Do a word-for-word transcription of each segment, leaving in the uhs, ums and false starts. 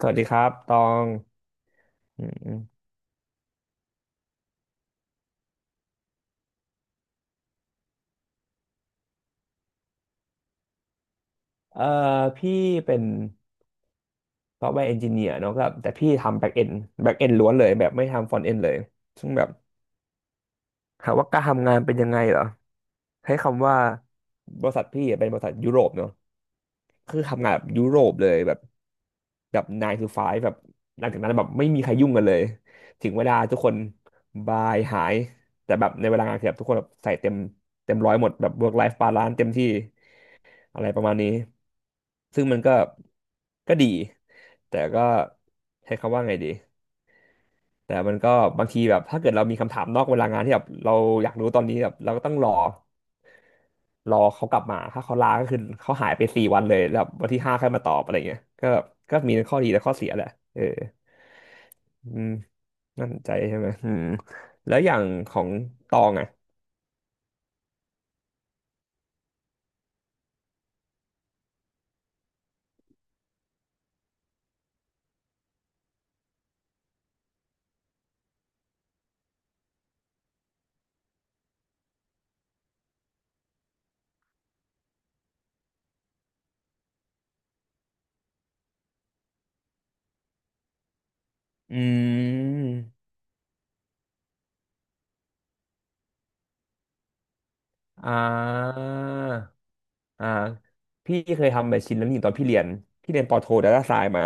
สวัสดีครับตองอืมอืมเอ่อพี่เป็นซอฟต์แวร์เอนจิเนียร์เนาะก็แต่พี่ทำแบ็กเอนแบ็กเอนล้วนเลยแบบไม่ทำฟรอนต์เอนเลยซึ่งแบบถามว่าการทำงานเป็นยังไงเหรอใช้คำว่าบริษัทพี่เป็นบริษัทยุโรปเนาะคือทำงานแบบยุโรปเลยแบบแบบ nine to five แบบหลังจากนั้นแบบไม่มีใครยุ่งกันเลย ถึงเวลาทุกคนบายหายแต่แบบในเวลางานคือแบบทุกคนแบบใส่เต็มเต็มร้อยหมดแบบ work life balance เต็มที่ อะไรประมาณนี้ซึ่งมันก็ก็ดีแต่ก็ใช้คำว่าไงดีแต่มันก็บางทีแบบถ้าเกิดเรามีคำถามนอกเวลางานที่แบบเราอยากรู้ตอนนี้แบบเราก็ต้องรอรอเขากลับมาถ้าเขาลาก็คือเขาหายไปสี่วันเลยแล้ววันที่ห้าค่อยมาตอบอะไรเงี้ยก็ก็มีข้อดีและข้อเสียแหละเอออืมนั่นใจใช่ไหมอืมแล้วอย่างของตองอ่ะอืมอ่า อ่าพี่เคยทำแบบชิ้นนั้นอยู่ตอนพี่เรียนพี่เรียนปอโทดาต้าไซน์มา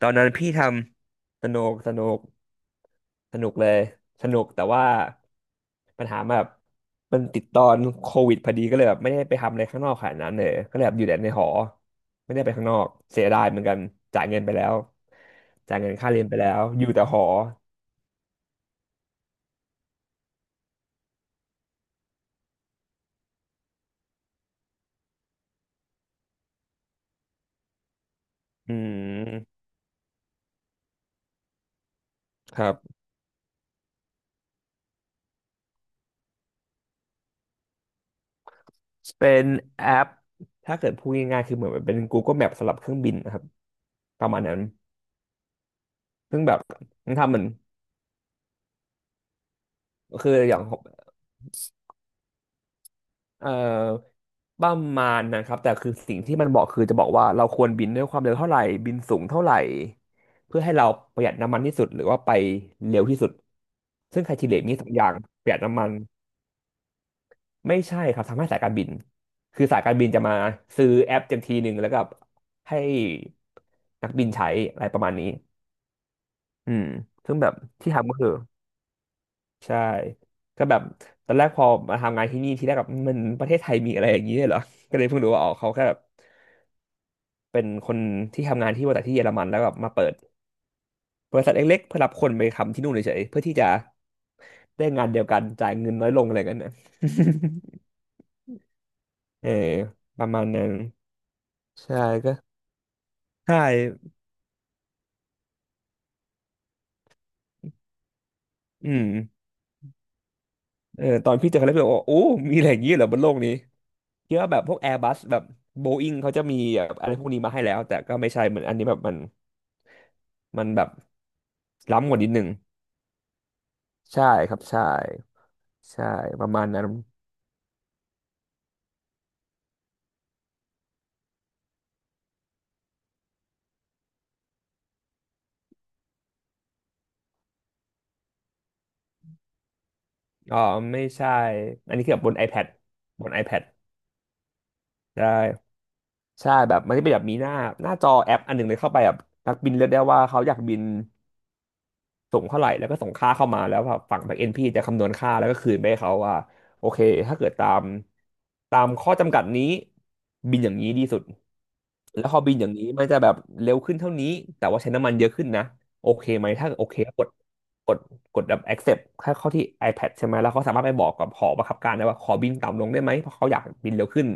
ตอนนั้นพี่ทำสนุกสนุกสนุกเลยสนุกแต่ว่าปัญหาแบบมันติดตอนโควิดพอดีก็เลยแบบไม่ได้ไปทำอะไรข้างนอกขนาดนั้นเลยก็เลยแบบอยู่แต่ในหอไม่ได้ไปข้างนอกเสียดายเหมือนกันจ่ายเงินไปแล้วจ่ายเงินค่าเรียนไปแล้วอยู่แต่หออืมครับเป็นแอปถ้าเกิดพูดง่ายๆคือเหมือนเป็น Google Map สำหรับเครื่องบินนะครับประมาณนั้น ซึ่งแบบมันทำเหมือนคืออย่างเอ่อประมาณนะครับแต่คือสิ่งที่มันบอกคือจะบอกว่าเราควรบินด้วยความเร็วเท่าไหร่บินสูงเท่าไหร่เพื่อให้เราประหยัดน้ำมันที่สุดหรือว่าไปเร็วที่สุดซึ่งไคทีเรียมีสองอย่างประหยัดน้ำมันไม่ใช่ครับทำให้สายการบินคือสายการบินจะมาซื้อแอปจำทีหนึ่งแล้วก็ให้นักบินใช้อะไรประมาณนี้อืมซึ่งแบบที่ทำก็คือ ใช่ก็แบบตอนแรกพอมาทำงานที่นี่ทีแรกแบบมันประเทศไทยมีอะไรอย่างนี้ด้วยเหรอ ก็เลยเพิ่งรู้ว่าอ๋อเขาแค่แบบเป็นคนที่ทำงานที่บริษัทที่เยอรมันแล้วแบบมาเปิดบริษัทเล็กๆเพื่อรับคนไปทำที่นู่นเฉยๆเพื่อที่จะได้งานเดียวกันจ่ายเงินน้อยลงอะไรกันนะ เออประมาณนั้นใช่ก็ใช่อืมเออตอนพี่เจอเขาแล้วพี่บอกว่าโอ้มีอะไรอย่างนี้เหรอบนโลกนี้คิดว่าแบบพวกแอร์บัสแบบโบอิงเขาจะมีแบบอะไรพวกนี้มาให้แล้วแต่ก็ไม่ใช่เหมือนอันนี้แบบมัน มันแบบล้ำกว่านิดนึงใช่ครับใช่ใช่ประมาณนั้นอ๋อไม่ใช่อันนี้คือแบบบน iPad บน iPad ได้ใช่แบบมันจะเป็นแบบมีหน้าหน้าจอแอปอันหนึ่งเลยเข้าไปแบบนักบินเลือกได้ว่าเขาอยากบิน ส่งเท่าไหร่แล้วก็ส่งค่าเข้ามาแล้วฝั่ง backend พี่จะคำนวณค่าแล้วก็คืนไปให้เขาว่าโอเคถ้าเกิดตามตามข้อจำกัดนี้บินอย่างนี้ดีสุดแล้วพอบินอย่างนี้มันจะแบบเร็วขึ้นเท่านี้แต่ว่าใช้น้ำมันเยอะขึ้นนะโอเคไหมถ้าโอเคก็กดกดกดแบบ accept เข้าเข้าที่ iPad ใช่ไหมแล้วเขาสามารถไปบอกกับหอบังคับการได้ว่าขอบินต่ำลงได้ไหมเพราะเขาอยากบินเร็วขึ้น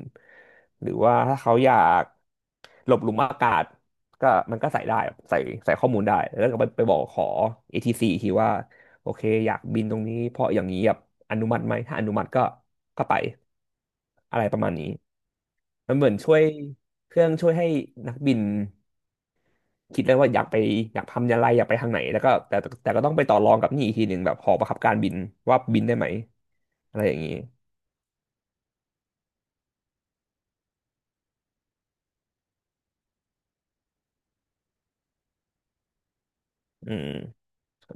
หรือว่าถ้าเขาอยากหลบหลุมอากาศ ก็มันก็ใส่ได้ใส่ใส่ข้อมูลได้แล้วก็ไปไปบอกขอ a t ีซีอีกทีว่าโอเคอยากบินตรงนี้เพราะอย่างนี้แบบอนุมัติไหมถ้าอนุมัติก็ก็ไปอะไรประมาณนี้มันเหมือนช่วยเครื่องช่วยให้นักบินคิดได้ว่าอยากไปอยากทำอะไรอยากไปทางไหนแล้วก็แต่แต่แต่ก็ต้องไปต่อรองกับนี่อีกทีหนึ่งแบบหอบังคับการบินว่าบินได้ไหมอะไรอย่างนี้อืม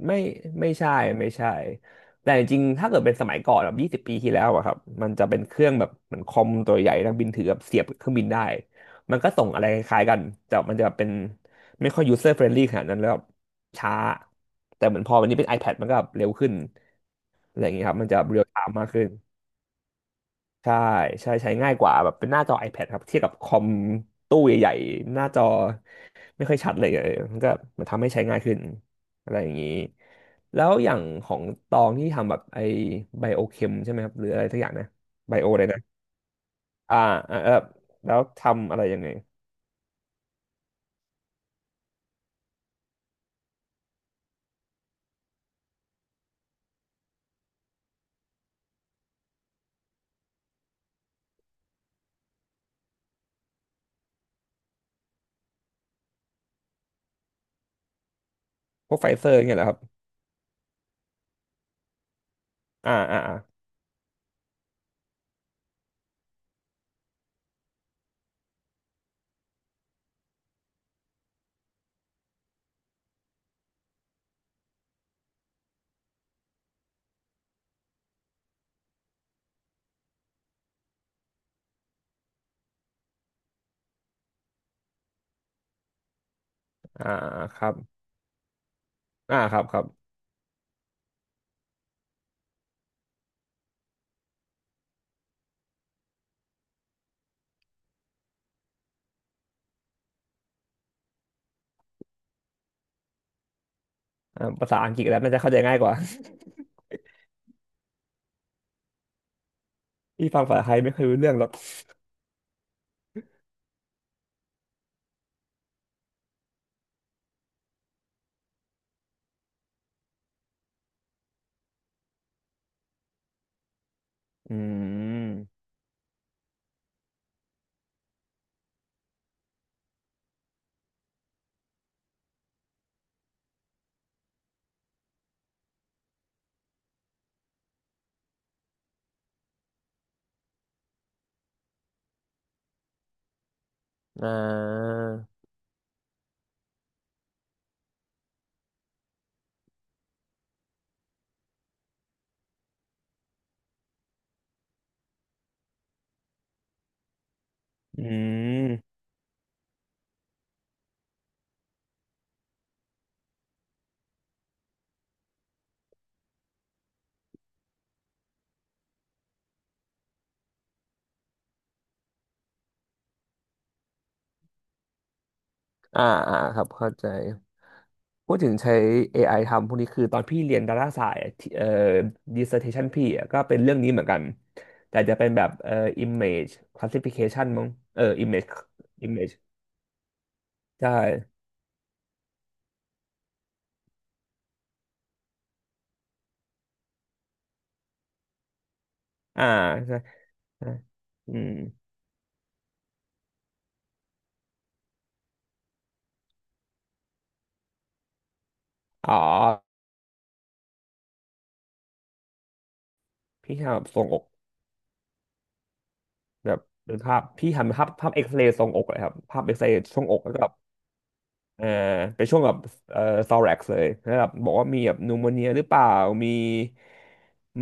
ไม่ไม่ใช่ไม่ใช่แต่จริงๆ ถ้าเกิดเป็นสมัยก่อนแบบยี่สิบปีที่แล้วอะครับมันจะเป็นเครื่องแบบเหมือนคอมตัวใหญ่นักบินถือแบบเสียบเครื่องบินได้มันก็ส่งอะไรคล้ายๆกันแต่มันจะเป็นไม่ค่อย user friendly ขนาดนั้นแล้วแบบช้าแต่เหมือนพอวันนี้เป็น iPad มันก็แบบเร็วขึ้นอะไรอย่างเงี้ยครับมันจะเรียลไทม์มากขึ้น ใช่ใช่ใช้ง่ายกว่าแบบเป็นหน้าจอ iPad ครับเทียบกับคอมตู้ใหญ่ๆหน้าจอไม่ค่อยชัดเลยเออมันก็มันทำให้ใช้ง่ายขึ้นอะไรอย่างนี้แล้วอย่างของตองที่ทำแบบไอ้ไบโอเคมใช่ไหมครับหรืออะไรสักอย่างนะไบโอเลยนะอ่าอ่าเออแล้วทำอะไรยังไงพวกไฟเซอร์เงี้ยเหรอครับอ่าอ่าอ่าอ่าครับอ่าครับครับอ่าภาษาอังกฤษแล้วน่าจะเข้าใจง่ายกว่า ที่ฟังภาษาไทยไม่เคอยรู้เรื่องหรอกอืมอ่าอืม อ่าอ่าครับเข้าใจพูดถึงใช้ เอ ไอ ทำพวกนี้คือตอนพี่เรียนดาราศาสตร์อะที่เอ่อ dissertation พี่อะก็เป็นเรื่องนี้เหมือนกันแต่จะเป็นแบบเอ่อ image classification มั้งเออ image image ใช่อ่าใช่ใช่อืมอ๋อพี่ทำแบบทรงอกแบบเป็นภาพพี่ทำภาพภาพเอ็กซเรย์ทรงอกเลยครับภาพเอ็กซเรย์ทรงอกแล้วก็ เออเป็นช่วงแบบเอ่อซอแร็กเลยแล้วแบบบอกว่ามีแบบนูโมเนียหรือเปล่ามี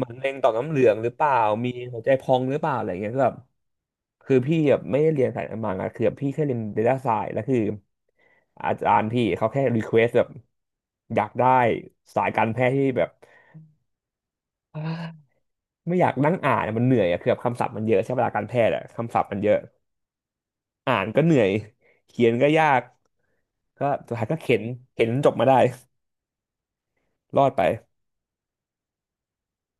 มะเร็งต่อมน้ำเหลืองหรือเปล่ามีหัวใจพองหรือเปล่าอะไรเงี้ยก็แบบคือพี่แบบไม่ได้เรียนสายมังอะคือแบบพี่แค่เรียน Data Science แล้วคืออาจารย์พี่เขาแค่รีเควสแบบอยากได้สายการแพทย์ที่แบบไม่อยากนั่งอ่านอะมันเหนื่อยอะคือแบบคำศัพท์มันเยอะใช้เวลาการแพทย์อะคำศัพท์มันเยอะอ่านก็เหนื่อยเขียนก็ยากก็สุดท้ายก็เข็นเข็นจนจบมาได้รอดไป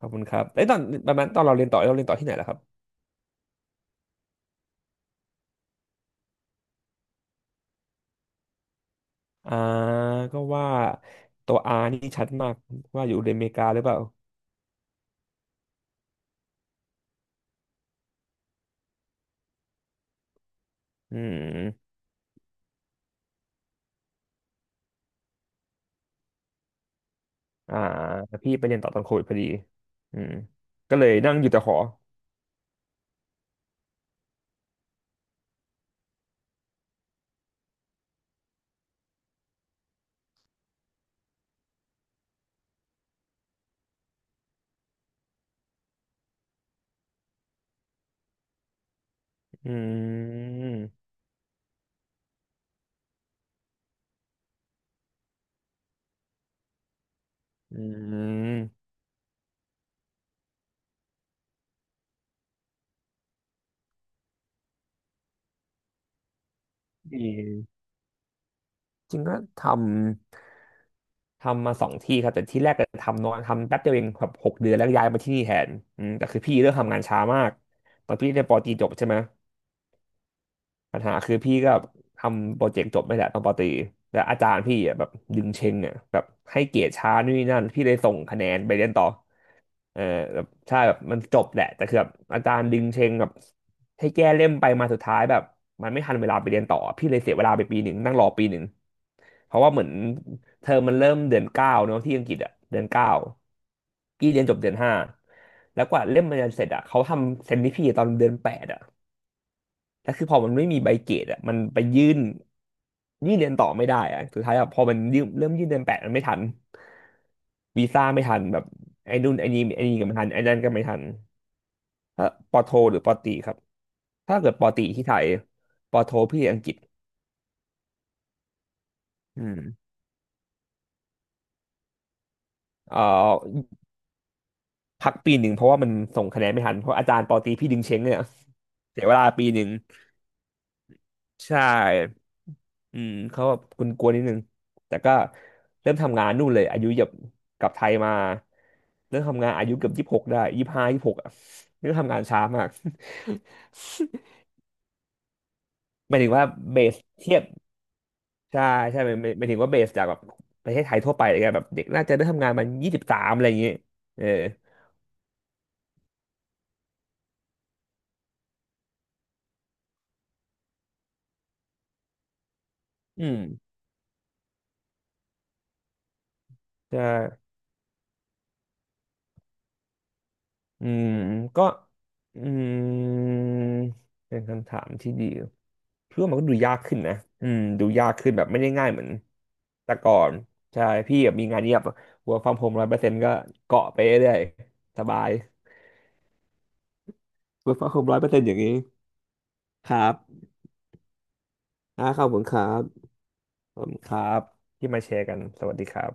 ขอบคุณครับไอ้ยตอนประมาณตอนเราเรียนต่อเราเรียนต่อที่ไหนล่ะครับอ่าก็ว่าตัว R นี่ชัดมากว่าอยู่อเมริกาหรือเปล่าอืมอ่าพี่ไปเรียนต่อตอนโควิดพอดีอืมก็เลยนั่งอยู่แต่หออืมอืมดีจริงก็ทำทำมาสองที่ครับแต่ที่แรกก็ทำน้อยทำแป๊บเดียวเองแบบหกเดือนแล้วก็ย้ายมาที่นี่แทนอืมแต่คือพี่เลือกทำงานช้ามากตอนพี่เรียนปอตรีจบใช่ไหม ปัญหาคือพี่ก็แบบทำโปรเจกต์จบไม่แหละตอนปตรีแต่อาจารย์พี่อ่ะแบบดึงเชงอ่ะแบบให้เกรดช้านู่นนี่นั่นพี่เลยส่งคะแนนไปเรียนต่อเออแบบใช่แบบมันจบแหละแต่คือแบบอาจารย์ดึงเชงแบบให้แก้เล่มไปมาสุดท้ายแบบมันไม่ทันเวลาไปเรียนต่อพี่เลยเสียเวลาไปปีหนึ่งนั่งรอปีหนึ่งเพราะว่าเหมือนเทอมมันเริ่มเดือนเก้าเนาะที่อังกฤษอ่ะเดือนเก้าพี่เรียนจบเดือนห้าแล้วกว่าเล่มมันจะเสร็จอ่ะเขาทำเซนที่พี่ตอนเดือนแปดอ่ะ แล้วคือพอมันไม่มีใบเกรดอ่ะมันไปยื่นยื่นเรียนต่อไม่ได้อ่ะสุดท้ายอ่ะพอมันยื่นเริ่มยื่นเดือนแปดมันไม่ทันวีซ่าไม่ทันแบบไอ้นู่นไอ้นี่ไอ้นี่ก็ไม่ทันไอ้นั่นก็ไม่ทันถ้าปอโทหรือปอตรีครับถ้าเกิดปอตรีที่ไทยปอโทพี่อังกฤษอืมเอ่อพักปีหนึ่งเพราะว่ามันส่งคะแนนไม่ทันเพราะอาจารย์ปอตรีพี่ดึงเช้งเนี่ยเสียเวลาปีหนึ่ง ใช่อืมเขาแบบกลัวๆนิดนึงแต่ก็เริ่มทำงานนู่นเลย อายุแบบกลับไทยมาเริ่มทำงานอายุเกือบยี่สิบหกได้ยี่สิบห้ายี่สิบหกอ่ะเริ่มทำงานช้ามาก หมายถึงว่าเบสเทียบใช่ใช่หมายหมายหมายถึงว่าเบสจากแบบประเทศไทยทั่วไปอะไรเงี้ยแบบเด็กน่าจะเริ่มทำงานมันยี่สิบสามอะไรอย่างเงี้ยเอออืมใช่ อืมก็อืมเป็นคำถามที่ดีเพื่อมันก็ดูยากขึ้นนะอืมดูยากขึ้นแบบไม่ได้ง่ายเหมือนแต่ก่อนใช่พี่แบบมีงานเงียบ work from home ร้อยเปอร์เซ็นต์ก็เกาะไปเรื่อยสบาย work from home ร้อยเปอร์เซ็นต์อย่างนี้ครับอ่าขอบคุณครับขอบคุณครับที่มาแชร์กันสวัสดีครับ